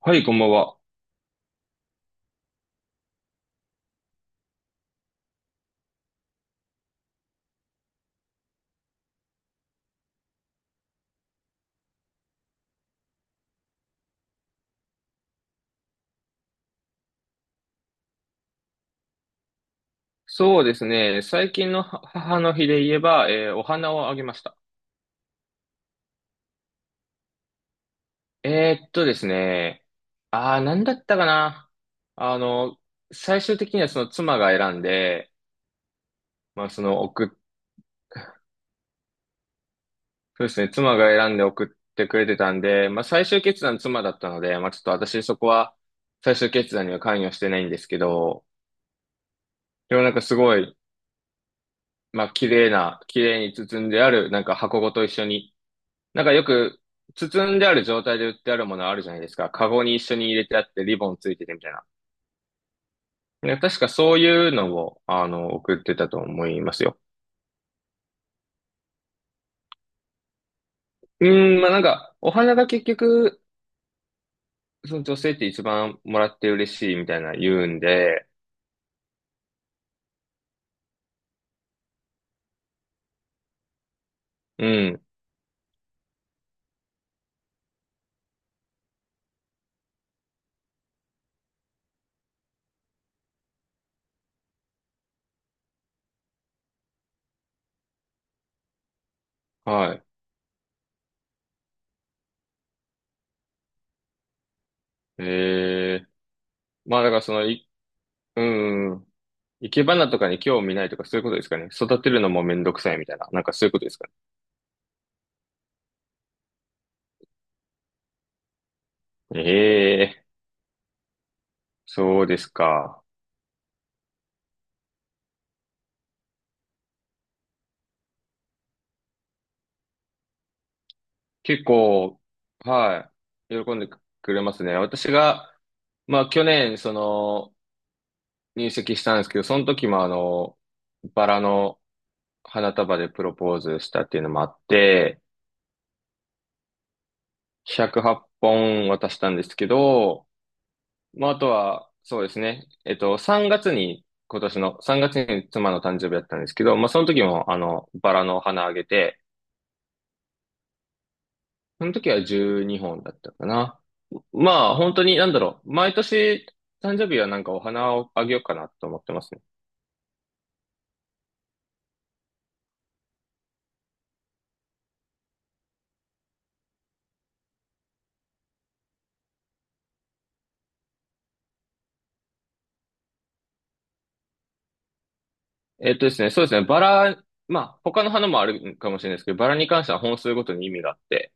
はい、こんばんは。そうですね。最近のは母の日で言えば、お花をあげました。ですね。なんだったかな。あの、最終的にはその妻が選んで、まあその送っ、そうですね。妻が選んで送ってくれてたんで、まあ最終決断妻だったので、まあちょっと私そこは最終決断には関与してないんですけど、でもなんかすごい、まあ綺麗な、綺麗に包んである、なんか箱ごと一緒に、なんかよく、包んである状態で売ってあるものあるじゃないですか。カゴに一緒に入れてあってリボンついててみたいな。ね、確かそういうのを、送ってたと思いますよ。うーん、まあ、なんか、お花が結局、その女性って一番もらって嬉しいみたいな言うんで、うん、はい。ええ、まあだからその、うん、生け花とかに興味ないとかそういうことですかね。育てるのもめんどくさいみたいな、なんかそういうことですかね。ええ、そうですか。結構、はい、喜んでくれますね。私が、まあ去年、その、入籍したんですけど、その時もバラの花束でプロポーズしたっていうのもあって、108本渡したんですけど、まああとは、そうですね、3月に、今年の3月に妻の誕生日だったんですけど、まあその時もバラの花あげて、その時は12本だったかな。まあ、本当に、なんだろう。毎年、誕生日はなんかお花をあげようかなと思ってますね。そうですね、バラ、まあ、他の花もあるかもしれないですけど、バラに関しては本数ごとに意味があって、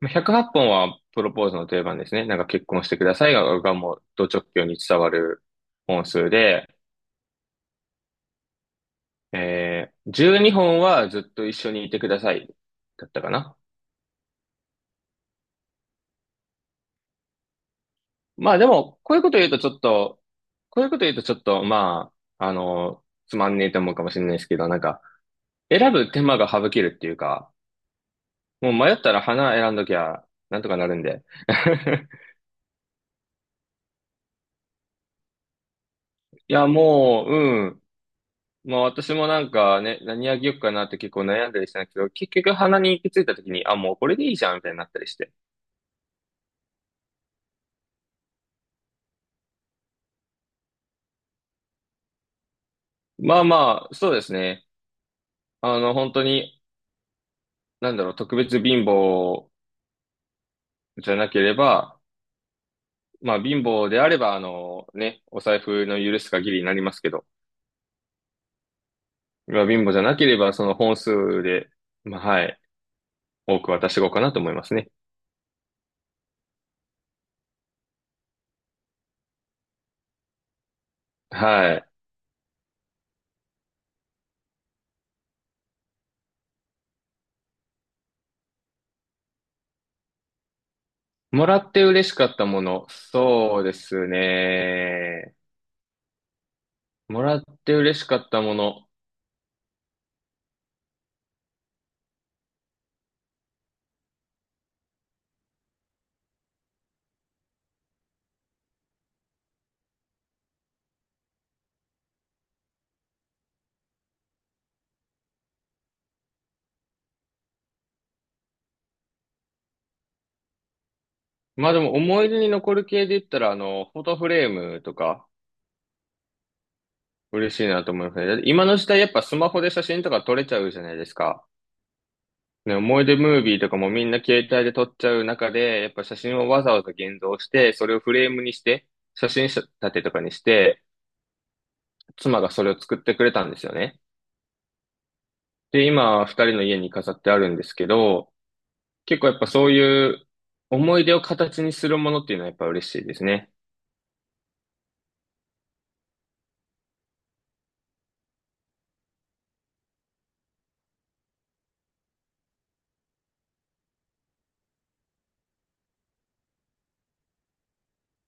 まあ108本はっぽんはプロポーズの定番ですね。なんか結婚してくださいが、もう、ド直球に伝わる本数で、12本はずっと一緒にいてください。だったかな。まあでも、こういうこと言うとちょっと、こういうこと言うとちょっと、まあ、つまんねえと思うかもしれないですけど、なんか、選ぶ手間が省けるっていうか、もう迷ったら花選んどきゃ、なんとかなるんで。いや、もう、うん。まあ私もなんかね、何あげようかなって結構悩んだりしたんですけど、結局花に行き着いた時に、あ、もうこれでいいじゃん、みたいになったりして。まあまあ、そうですね。本当に、なんだろう、特別貧乏じゃなければ、まあ、貧乏であれば、ね、お財布の許す限りになりますけど、まあ、貧乏じゃなければ、その本数で、まあ、はい、多く渡していこうかなと思いますね。はい。もらって嬉しかったもの。そうですね。もらって嬉しかったもの。まあでも思い出に残る系で言ったら、フォトフレームとか嬉しいなと思いますね。だって今の時代やっぱスマホで写真とか撮れちゃうじゃないですか。ね、思い出ムービーとかもみんな携帯で撮っちゃう中で、やっぱ写真をわざわざ現像して、それをフレームにして、写真立てとかにして、妻がそれを作ってくれたんですよね。で、今、二人の家に飾ってあるんですけど、結構やっぱそういう思い出を形にするものっていうのはやっぱ嬉しいですね。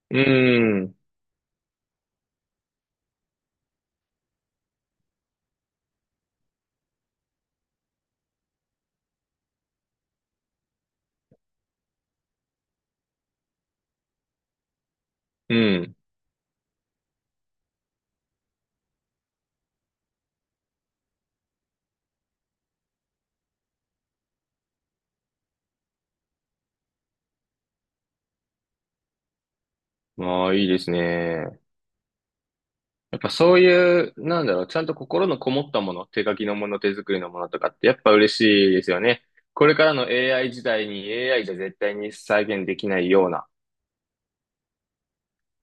うん、うん。まあ、いいですね。やっぱそういう、なんだろう、ちゃんと心のこもったもの、手書きのもの、手作りのものとかってやっぱ嬉しいですよね。これからの AI 時代に AI じゃ絶対に再現できないような、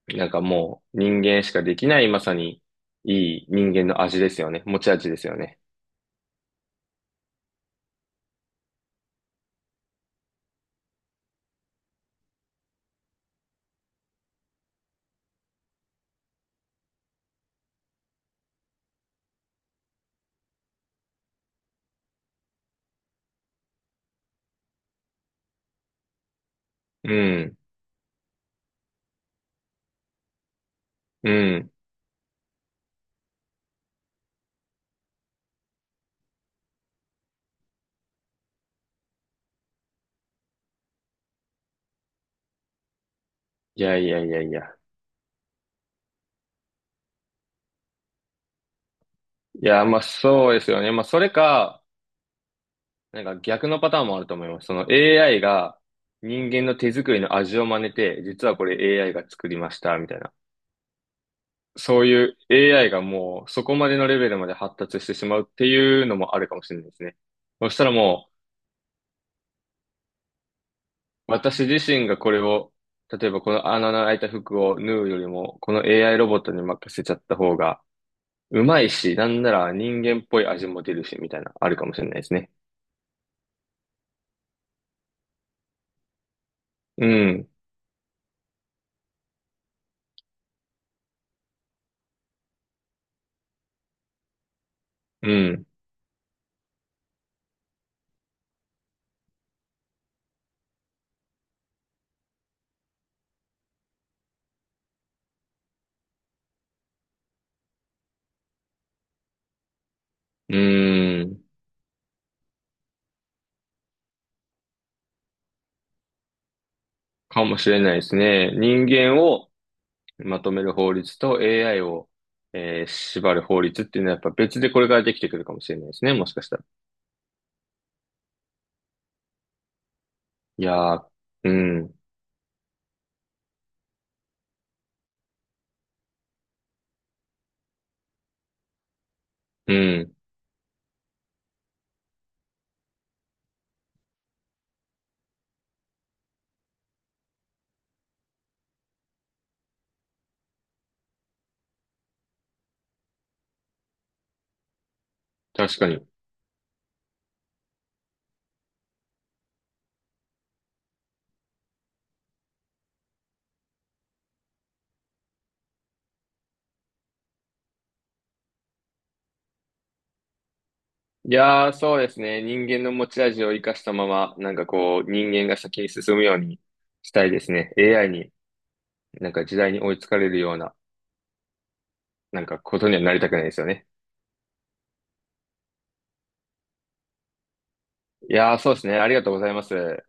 なんかもう人間しかできないまさにいい人間の味ですよね。持ち味ですよね。うん、うん。いやいやいやいや。いや、まあそうですよね。まあそれか、なんか逆のパターンもあると思います。その AI が人間の手作りの味を真似て、実はこれ AI が作りました、みたいな。そういう AI がもうそこまでのレベルまで発達してしまうっていうのもあるかもしれないですね。そしたらもう私自身がこれを、例えばこの穴の開いた服を縫うよりも、この AI ロボットに任せちゃった方がうまいし、なんなら人間っぽい味も出るし、みたいな、あるかもしれないですね。うん、うん、うん、かもしれないですね。人間をまとめる法律と AI を、縛る法律っていうのはやっぱ別でこれからできてくるかもしれないですね、もしかしたら。いやー、うん、うん、確かに。いやー、そうですね。人間の持ち味を生かしたまま、なんかこう、人間が先に進むようにしたいですね。AI に、なんか時代に追いつかれるような、なんかことにはなりたくないですよね。いやー、そうですね。ありがとうございます。